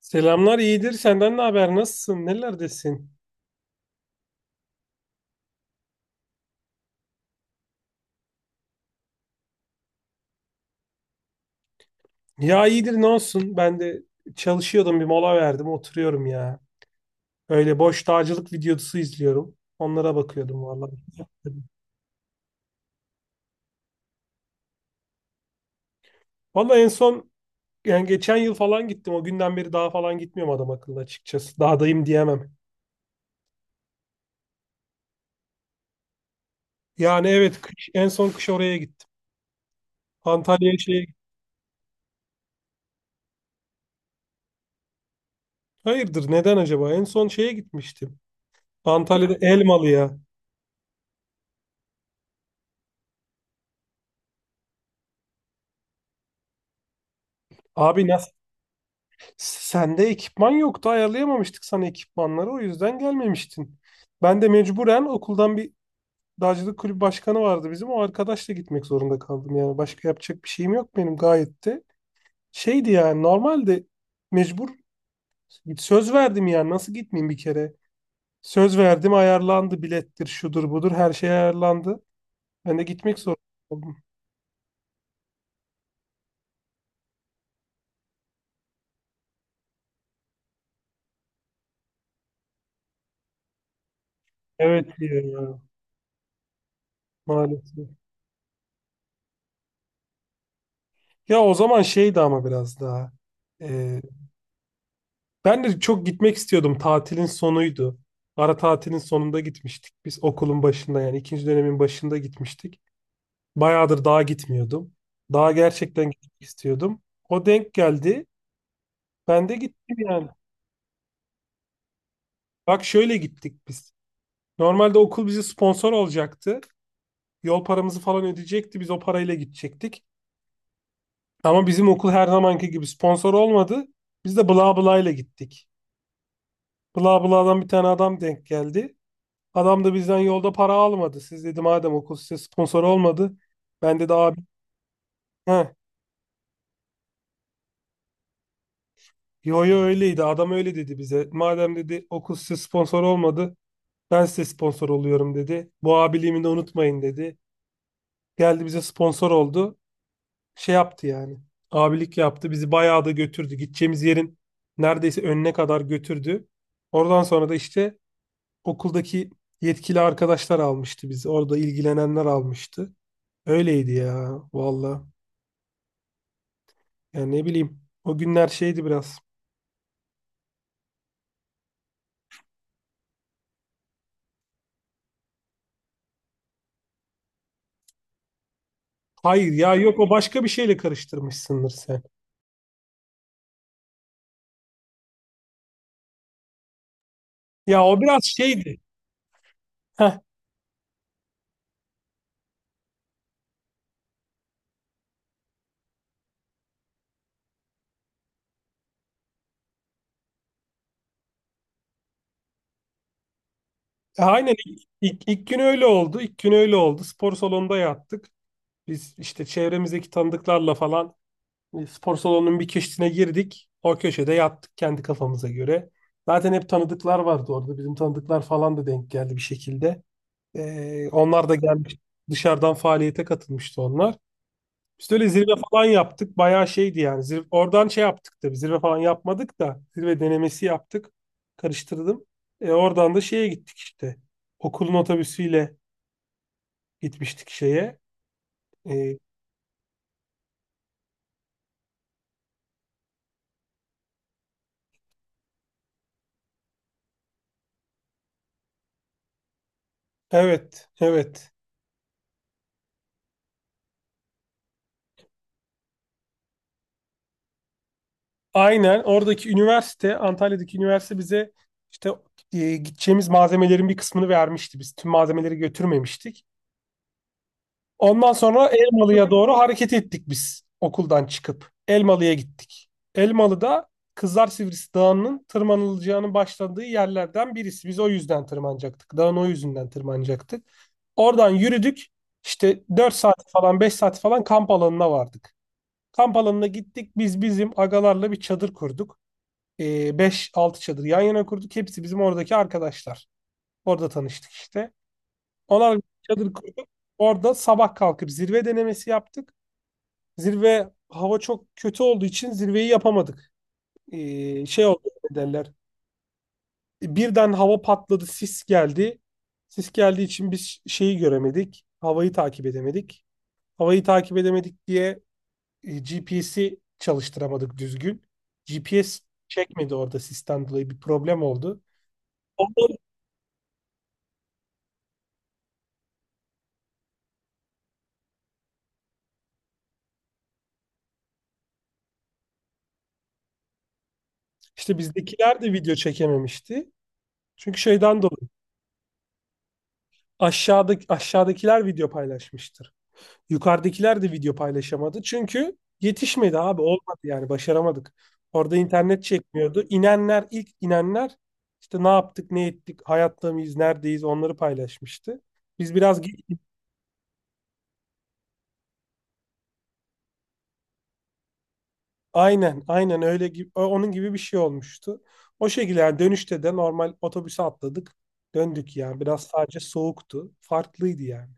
Selamlar, iyidir. Senden ne haber? Nasılsın? Nelerdesin? Ya iyidir, ne olsun? Ben de çalışıyordum, bir mola verdim, oturuyorum ya. Öyle boş dağcılık videosu izliyorum. Onlara bakıyordum vallahi. Vallahi en son, yani geçen yıl falan gittim. O günden beri daha falan gitmiyorum adam akıllı, açıkçası. Dağdayım diyemem. Yani evet kış, en son kış oraya gittim. Antalya'ya, şeye. Hayırdır, neden acaba? En son şeye gitmiştim. Antalya'da Elmalı'ya. Abi nasıl. Sende ekipman yoktu, ayarlayamamıştık sana ekipmanları, o yüzden gelmemiştin. Ben de mecburen okuldan bir dağcılık kulübü başkanı vardı bizim, o arkadaşla gitmek zorunda kaldım yani. Başka yapacak bir şeyim yok benim gayet de. Şeydi yani, normalde mecbur, söz verdim yani, nasıl gitmeyeyim bir kere. Söz verdim, ayarlandı, bilettir şudur budur her şey ayarlandı. Ben de gitmek zorunda kaldım. Evet, diyor ya maalesef. Ya o zaman şeydi ama biraz daha. Ben de çok gitmek istiyordum. Tatilin sonuydu. Ara tatilin sonunda gitmiştik. Biz okulun başında yani ikinci dönemin başında gitmiştik. Bayağıdır dağa gitmiyordum. Dağa gerçekten gitmek istiyordum. O denk geldi. Ben de gittim yani. Bak, şöyle gittik biz. Normalde okul bizi sponsor olacaktı. Yol paramızı falan ödeyecekti. Biz o parayla gidecektik. Ama bizim okul her zamanki gibi sponsor olmadı. Biz de bla bla ile gittik. Bla bla'dan bir tane adam denk geldi. Adam da bizden yolda para almadı. Siz, dedi, madem okul size sponsor olmadı. Ben, dedi, abi. He, yo yo, öyleydi. Adam öyle dedi bize. Madem, dedi, okul size sponsor olmadı. Ben size sponsor oluyorum, dedi. Bu abiliğimi de unutmayın, dedi. Geldi, bize sponsor oldu. Şey yaptı yani. Abilik yaptı. Bizi bayağı da götürdü. Gideceğimiz yerin neredeyse önüne kadar götürdü. Oradan sonra da işte okuldaki yetkili arkadaşlar almıştı bizi. Orada ilgilenenler almıştı. Öyleydi ya valla. Ya ne bileyim. O günler şeydi biraz. Hayır ya, yok, o başka bir şeyle karıştırmışsındır sen. Ya o biraz şeydi. Heh, aynen ilk gün öyle oldu. İlk gün öyle oldu. Spor salonunda yattık. Biz işte çevremizdeki tanıdıklarla falan spor salonunun bir köşesine girdik. O köşede yattık kendi kafamıza göre. Zaten hep tanıdıklar vardı orada. Bizim tanıdıklar falan da denk geldi bir şekilde. Onlar da gelmiş. Dışarıdan faaliyete katılmıştı onlar. Biz öyle zirve falan yaptık. Bayağı şeydi yani. Zirve, oradan şey yaptık da, zirve falan yapmadık da. Zirve denemesi yaptık. Karıştırdım. Oradan da şeye gittik işte. Okulun otobüsüyle gitmiştik şeye. E, evet, evet. Aynen oradaki üniversite, Antalya'daki üniversite bize işte gideceğimiz malzemelerin bir kısmını vermişti. Biz tüm malzemeleri götürmemiştik. Ondan sonra Elmalı'ya doğru hareket ettik biz okuldan çıkıp. Elmalı'ya gittik. Elmalı'da Kızlar Sivrisi Dağı'nın tırmanılacağının başladığı yerlerden birisi. Biz o yüzden tırmanacaktık. Dağın o yüzünden tırmanacaktık. Oradan yürüdük. İşte dört saat falan, 5 saat falan kamp alanına vardık. Kamp alanına gittik. Biz bizim agalarla bir çadır kurduk. Beş altı çadır yan yana kurduk. Hepsi bizim oradaki arkadaşlar. Orada tanıştık işte. Ona çadır kurduk. Orada sabah kalkıp zirve denemesi yaptık. Zirve hava çok kötü olduğu için zirveyi yapamadık. Şey oldu, ne derler. Birden hava patladı, sis geldi. Sis geldiği için biz şeyi göremedik. Havayı takip edemedik. Havayı takip edemedik diye GPS'i çalıştıramadık düzgün. GPS çekmedi orada, sisten dolayı bir problem oldu. Ondan işte bizdekiler de video çekememişti. Çünkü şeyden dolayı Aşağıdakiler video paylaşmıştır. Yukarıdakiler de video paylaşamadı. Çünkü yetişmedi abi, olmadı yani, başaramadık. Orada internet çekmiyordu. İnenler, ilk inenler işte ne yaptık ne ettik, hayatta mıyız, neredeyiz, onları paylaşmıştı. Biz biraz ge- aynen öyle gibi, onun gibi bir şey olmuştu. O şekilde yani, dönüşte de normal otobüse atladık, döndük yani. Biraz sadece soğuktu, farklıydı yani.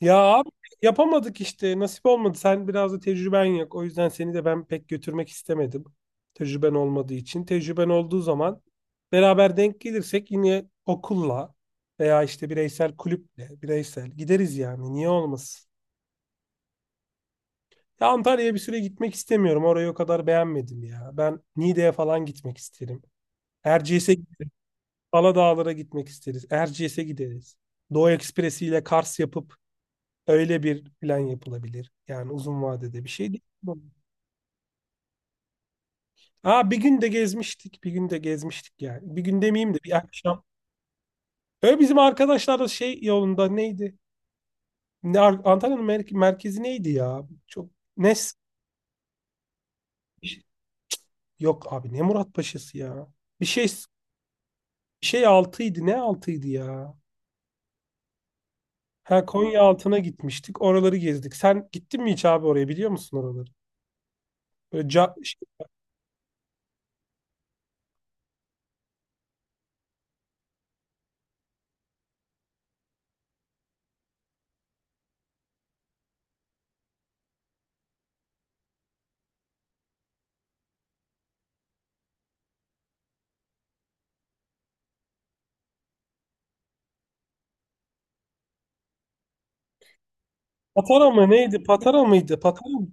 Ya abi, yapamadık işte, nasip olmadı. Sen biraz da tecrüben yok. O yüzden seni de ben pek götürmek istemedim. Tecrüben olmadığı için. Tecrüben olduğu zaman beraber denk gelirsek yine okulla veya işte bireysel, kulüple, bireysel gideriz yani. Niye olmasın? Ya Antalya'ya bir süre gitmek istemiyorum. Orayı o kadar beğenmedim ya. Ben Niğde'ye falan gitmek isterim. Erciyes'e, Aladağlara gitmek isteriz. Erciyes'e gideriz. Doğu Ekspresi ile Kars yapıp öyle bir plan yapılabilir. Yani uzun vadede bir şey değil. Aa, bir gün de gezmiştik. Bir gün de gezmiştik yani. Bir gün demeyeyim de, bir akşam. Öyle bizim arkadaşlar da şey yolunda, neydi? Ne, Ar- Antalya'nın mer- merkezi neydi ya? Çok ne s- yok abi, ne Muratpaşa'sı ya. Bir şey, bir şey altıydı. Ne altıydı ya? Ha, Konya altına gitmiştik. Oraları gezdik. Sen gittin mi hiç abi oraya, biliyor musun oraları? Böyle ca- şey, Patara mı neydi? Patara mıydı? Patara mı?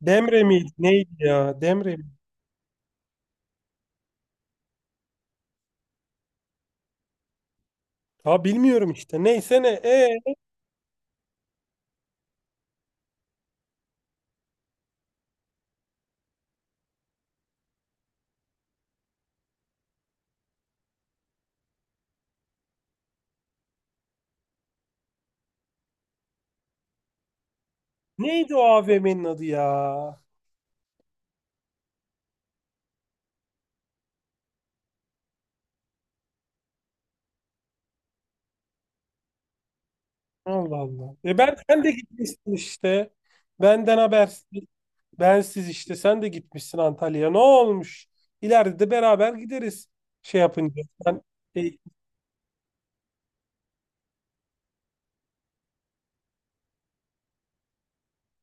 Demre miydi? Neydi ya? Demre mi? Ha, bilmiyorum işte. Neyse ne. Neydi o AVM'nin adı ya? Allah Allah. E ben, sen de gitmişsin işte. Benden habersiz. Bensiz işte. Sen de gitmişsin Antalya'ya. Ne olmuş? İleride de beraber gideriz. Şey yapınca. Ben, e,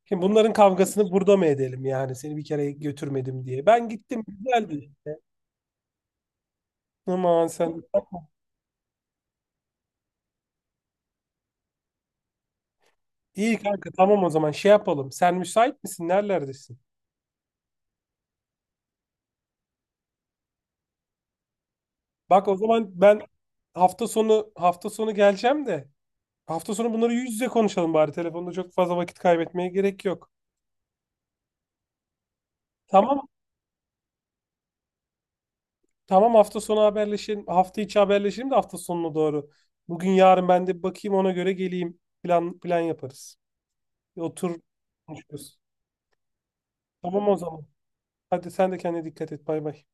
şimdi bunların kavgasını burada mı edelim yani? Seni bir kere götürmedim diye. Ben gittim. Güzeldi. Aman sen. İyi kanka, tamam, o zaman şey yapalım. Sen müsait misin? Nerelerdesin? Bak o zaman ben hafta sonu geleceğim de hafta sonu bunları yüz yüze konuşalım bari. Telefonda çok fazla vakit kaybetmeye gerek yok. Tamam tamam, hafta sonu haberleşelim. Hafta içi haberleşelim de hafta sonuna doğru. Bugün yarın ben de bir bakayım, ona göre geleyim. Plan yaparız. Bir otur konuşuruz. Tamam o zaman. Hadi sen de kendine dikkat et. Bay bay.